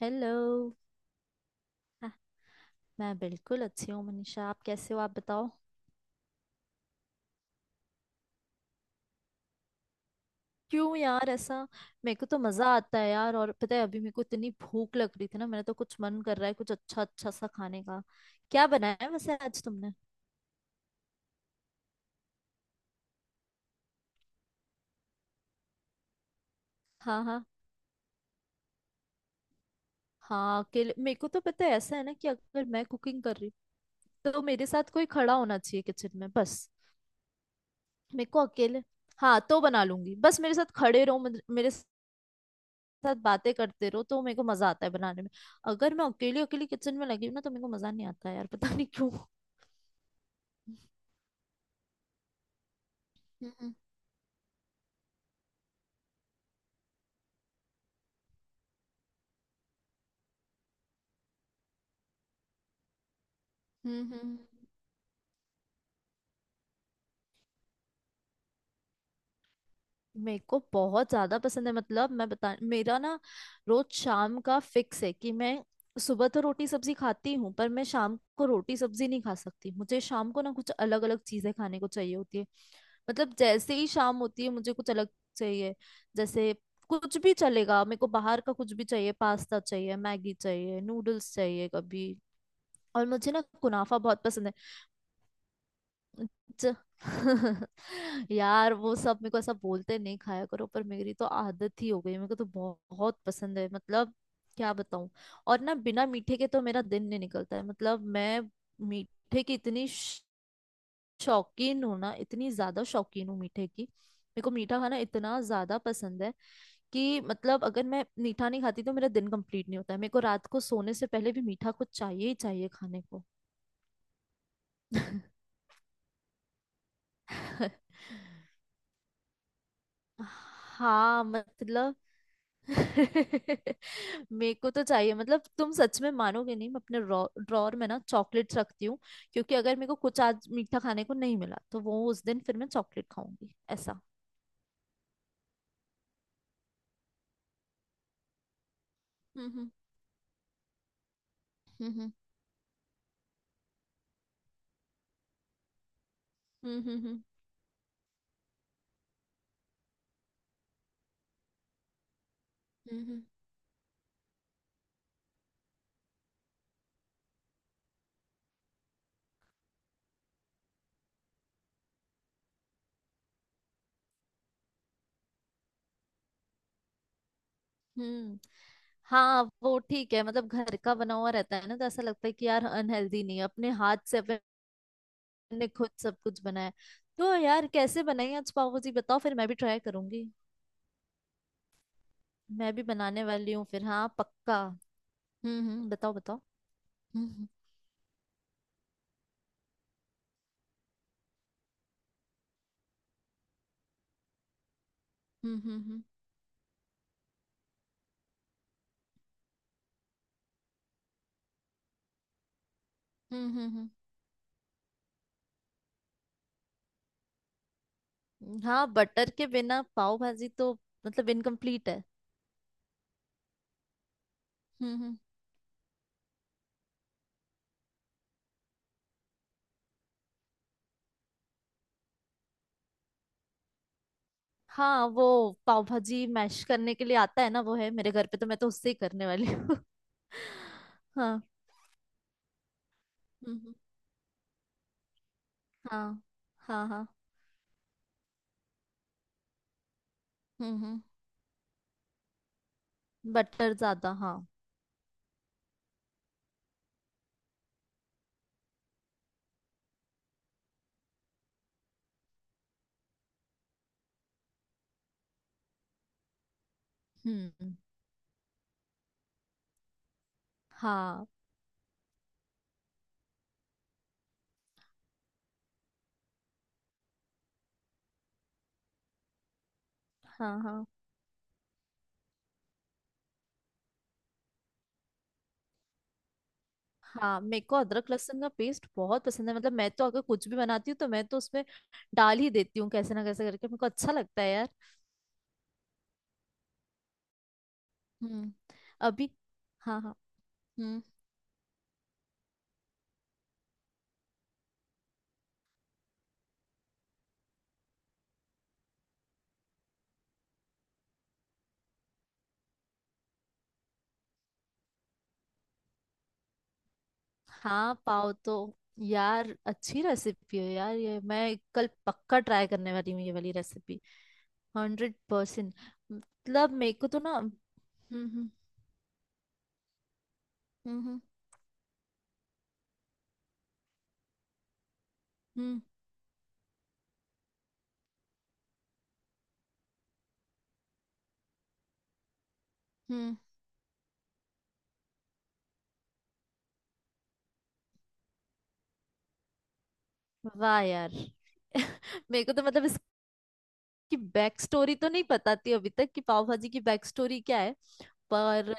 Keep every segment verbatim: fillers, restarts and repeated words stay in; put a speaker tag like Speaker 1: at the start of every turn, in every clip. Speaker 1: Hello. हाँ, मैं बिल्कुल अच्छी हूँ मनीषा। आप कैसे हो? आप बताओ। क्यों यार ऐसा? मेरे को तो मजा आता है यार। और पता है अभी मेरे को इतनी भूख लग रही थी ना, मेरा तो कुछ मन कर रहा है, कुछ अच्छा अच्छा सा खाने का। क्या बनाया है वैसे आज तुमने? हाँ हाँ। हाँ अकेले, मेरे को तो पता है ऐसा है ना कि अगर मैं कुकिंग कर रही हूँ तो मेरे साथ कोई खड़ा होना चाहिए किचन में बस। मेरे को अकेले। हाँ तो बना लूंगी, बस मेरे साथ खड़े रहो, मुझे- मेरे साथ बातें करते रहो तो मेरे को मजा आता है बनाने में। अगर मैं अकेली अकेली किचन में लगी हूँ ना तो मेरे को मजा नहीं आता है यार। पता नहीं क्यों। हम्म हम्म हम्म। मेरे को बहुत ज्यादा पसंद है। मतलब मैं बता, मेरा ना रोज शाम का फिक्स है कि मैं सुबह तो रोटी सब्जी खाती हूँ पर मैं शाम को रोटी सब्जी नहीं खा सकती। मुझे शाम को ना कुछ अलग अलग चीजें खाने को चाहिए होती है। मतलब जैसे ही शाम होती है मुझे कुछ अलग चाहिए। जैसे कुछ भी चलेगा, मेरे को बाहर का कुछ भी चाहिए, पास्ता चाहिए, मैगी चाहिए, नूडल्स चाहिए कभी। और मुझे ना कुनाफा बहुत पसंद है। ज... यार वो सब मेरे को ऐसा बोलते हैं, नहीं खाया करो, पर मेरी तो आदत ही हो गई। मेरे को तो बहुत, बहुत पसंद है मतलब। क्या बताऊं। और ना बिना मीठे के तो मेरा दिन नहीं निकलता है। मतलब मैं मीठे की इतनी श- शौकीन हूँ ना, इतनी ज्यादा शौकीन हूँ मीठे की। मेरे को मीठा खाना इतना ज्यादा पसंद है कि मतलब अगर मैं मीठा नहीं खाती तो मेरा दिन कंप्लीट नहीं होता है। मेरे को रात को सोने से पहले भी मीठा कुछ चाहिए ही चाहिए खाने को। हाँ मतलब। मेरे को तो चाहिए मतलब। तुम सच में मानोगे नहीं, मैं अपने ड्रॉर में ना चॉकलेट्स रखती हूँ, क्योंकि अगर मेरे को कुछ आज मीठा खाने को नहीं मिला तो वो उस दिन फिर मैं चॉकलेट खाऊंगी ऐसा। हम्म हम्म हम्म हम्म हम्म हम्म हम्म, हम्म। हाँ वो ठीक है। मतलब घर का बना हुआ रहता है ना तो ऐसा लगता है कि यार अनहेल्दी नहीं है, अपने हाथ से अपने खुद सब कुछ बनाया है। तो यार कैसे बनाई आज पाव भाजी, बताओ फिर मैं भी ट्राई करूंगी। मैं भी बनाने वाली हूँ फिर, हाँ पक्का। हम्म हम्म, बताओ बताओ। हम्म हम्म हम्म हम्म हम्म हम्म, हम्म, हम्म, हम्म। हाँ, बटर के बिना पाव भाजी तो मतलब इनकम्प्लीट है। हम्म हम्म। हाँ वो पाव भाजी मैश करने के लिए आता है ना, वो है मेरे घर पे, तो मैं तो उससे ही करने वाली हूँ। हाँ हम्म हम्म, हाँ हाँ हाँ। हम्म हम्म, बटर ज्यादा हाँ। हम्म। हाँ हाँ हाँ हाँ। मेरे को अदरक लहसुन का पेस्ट बहुत पसंद है। मतलब मैं तो अगर कुछ भी बनाती हूँ तो मैं तो उसमें डाल ही देती हूँ, कैसे ना कैसे करके। मेरे को अच्छा लगता है यार। हम्म, अभी हाँ हाँ। हम्म। हाँ पाव तो। यार अच्छी रेसिपी है यार, ये मैं कल पक्का ट्राई करने वाली हूँ, ये वाली रेसिपी। Hundred percent. मतलब मेरे को तो ना हम्म। हम्म हम्म हम्म हम्म, हम्म। वाह यार। मेरे को तो मतलब की बैक स्टोरी तो नहीं पता थी अभी तक, कि पाव भाजी की बैक स्टोरी क्या है। पर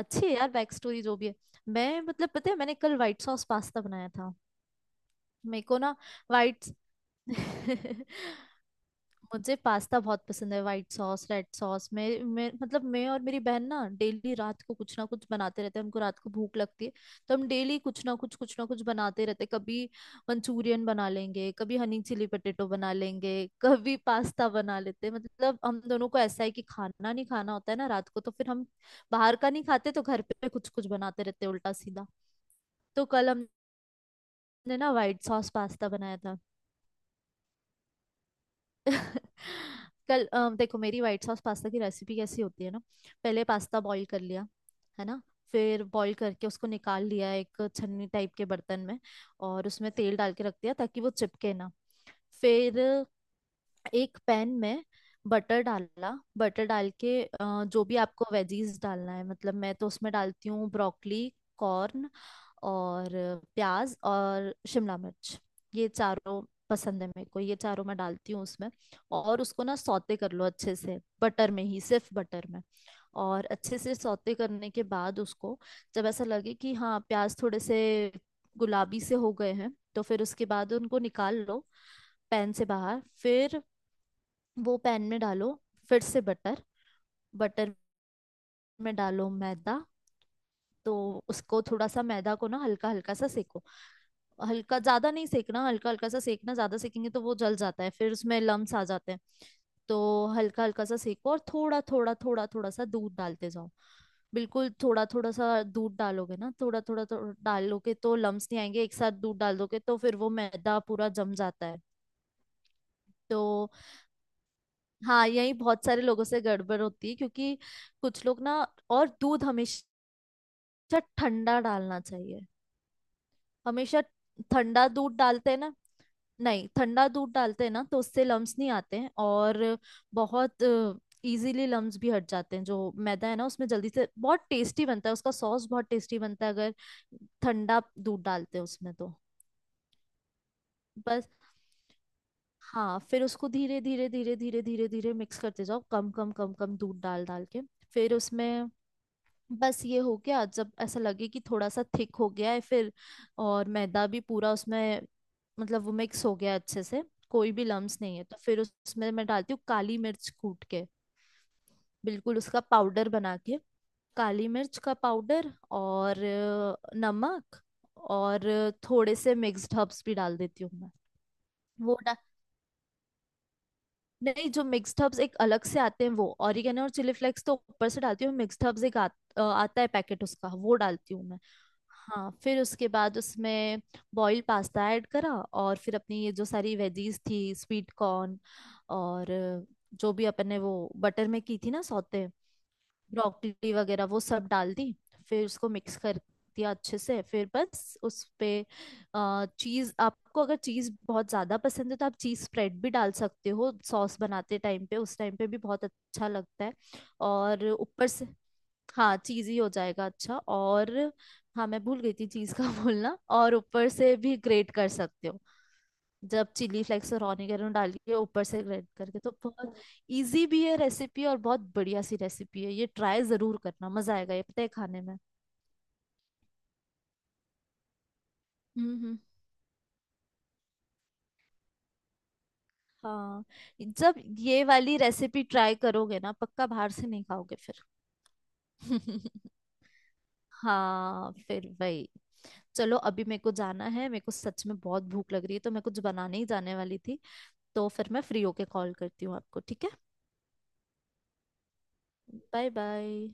Speaker 1: अच्छी है यार बैक स्टोरी जो भी है। मैं मतलब पता है मैंने कल व्हाइट सॉस पास्ता बनाया था। मेरे को ना व्हाइट। मुझे पास्ता बहुत पसंद है, वाइट सॉस रेड सॉस। मैं मैं मतलब मैं और मेरी बहन ना डेली रात को कुछ ना कुछ बनाते रहते हैं, हमको रात को भूख लगती है। तो हम डेली कुछ ना कुछ कुछ ना कुछ बनाते रहते हैं। कभी मंचूरियन बना लेंगे, कभी हनी चिली पटेटो बना लेंगे, कभी पास्ता बना लेते हैं। मतलब हम दोनों को ऐसा है कि खाना नहीं खाना होता है ना रात को, तो फिर हम बाहर का नहीं खाते तो घर पे कुछ कुछ बनाते रहते हैं उल्टा सीधा। तो कल हमने ना व्हाइट सॉस पास्ता बनाया था। कल अ, देखो मेरी व्हाइट सॉस पास्ता की रेसिपी कैसी होती है ना। पहले पास्ता बॉईल कर लिया, है ना? फिर बॉईल करके उसको निकाल लिया एक छन्नी टाइप के बर्तन में, और उसमें तेल डाल के रख दिया ताकि वो चिपके ना। फिर एक पैन में बटर डाला। बटर डाल के अ, जो भी आपको वेजीज डालना है, मतलब मैं तो उसमें डालती हूँ ब्रोकली, कॉर्न और प्याज और शिमला मिर्च। ये चारों पसंद है मेरे को, ये चारों मैं डालती हूँ उसमें। और उसको ना सौते कर लो अच्छे से बटर में ही, सिर्फ बटर में। और अच्छे से सौते करने के बाद उसको, जब ऐसा लगे कि हाँ प्याज थोड़े से गुलाबी से हो गए हैं, तो फिर उसके बाद उनको निकाल लो पैन से बाहर। फिर वो पैन में डालो फिर से बटर। बटर में डालो मैदा। तो उसको थोड़ा सा मैदा को ना हल्का हल्का सा सेको। हल्का ज्यादा नहीं सेकना, हल्का हल्का सा सेकना। ज्यादा सेकेंगे तो वो जल जाता है, फिर उसमें लम्स आ जाते हैं। तो हल्का हल्का सा सेको और थोड़ा थोड़ा थोड़ा थोड़ा सा दूध डालते जाओ। बिल्कुल थोड़ा थोड़ा सा दूध डालोगे ना, थोड़ा थोड़ा थोड़ा डालोगे तो लम्स नहीं आएंगे। एक साथ दूध डाल दोगे तो फिर वो मैदा पूरा जम जाता है। तो हाँ, यही बहुत सारे लोगों से गड़बड़ होती है, क्योंकि कुछ लोग ना। और दूध हमेशा ठंडा डालना चाहिए। हमेशा ठंडा दूध डालते हैं ना, नहीं ठंडा दूध डालते हैं ना तो उससे लम्स नहीं आते हैं, और बहुत इजीली लम्स भी हट जाते हैं जो मैदा है ना उसमें, जल्दी से बहुत टेस्टी बनता है उसका सॉस, बहुत टेस्टी बनता है अगर ठंडा दूध डालते हैं उसमें तो। बस। हाँ फिर उसको धीरे धीरे धीरे धीरे धीरे धीरे मिक्स करते जाओ, कम कम कम कम दूध डाल डाल के। फिर उसमें बस ये हो गया, जब ऐसा लगे कि थोड़ा सा थिक हो गया है, फिर और मैदा भी पूरा उसमें मतलब वो मिक्स हो गया अच्छे से, कोई भी लम्स नहीं है, तो फिर उसमें मैं डालती हूँ काली मिर्च कूट के, बिल्कुल उसका पाउडर बना के। काली मिर्च का पाउडर और अ, नमक, और अ, थोड़े से मिक्स्ड हर्ब्स भी डाल देती हूँ मैं। वो डा- नहीं, जो मिक्स्ड हर्ब्स एक अलग से आते हैं वो, ऑरिगेनो और चिली फ्लेक्स तो ऊपर से डालती हूँ। मिक्स्ड हर्ब्स एक आ, अ, आता है पैकेट उसका, वो डालती हूँ मैं। हाँ फिर उसके बाद उसमें बॉइल्ड पास्ता ऐड करा, और फिर अपनी ये जो सारी वेजीज थी, स्वीट कॉर्न और अ, जो भी अपन ने वो बटर में की थी ना सौते, ब्रोकली वगैरह वो सब डाल दी। फिर उसको मिक्स कर दिया अच्छे से। फिर बस उस पे चीज। आपको अगर चीज बहुत ज्यादा पसंद है तो आप चीज स्प्रेड भी डाल सकते हो सॉस बनाते टाइम पे, उस टाइम पे भी बहुत अच्छा लगता है। और ऊपर से हाँ, चीज ही हो जाएगा अच्छा। और हाँ मैं भूल गई थी चीज का बोलना। और ऊपर से भी ग्रेट कर सकते हो, जब चिली फ्लेक्स और ऑनियन डाल के ऊपर से ग्राइंड करके तो बहुत। इजी भी है रेसिपी और बहुत बढ़िया सी रेसिपी है ये, ट्राई जरूर करना, मजा आएगा ये पता है खाने में। हम्म हम्म। हाँ जब ये वाली रेसिपी ट्राई करोगे ना, पक्का बाहर से नहीं खाओगे फिर। हम्म। हाँ फिर वही, चलो अभी मेरे को जाना है, मेरे को सच में बहुत भूख लग रही है तो मैं कुछ बनाने ही जाने वाली थी। तो फिर मैं फ्री होके कॉल करती हूँ आपको, ठीक है। Bye bye.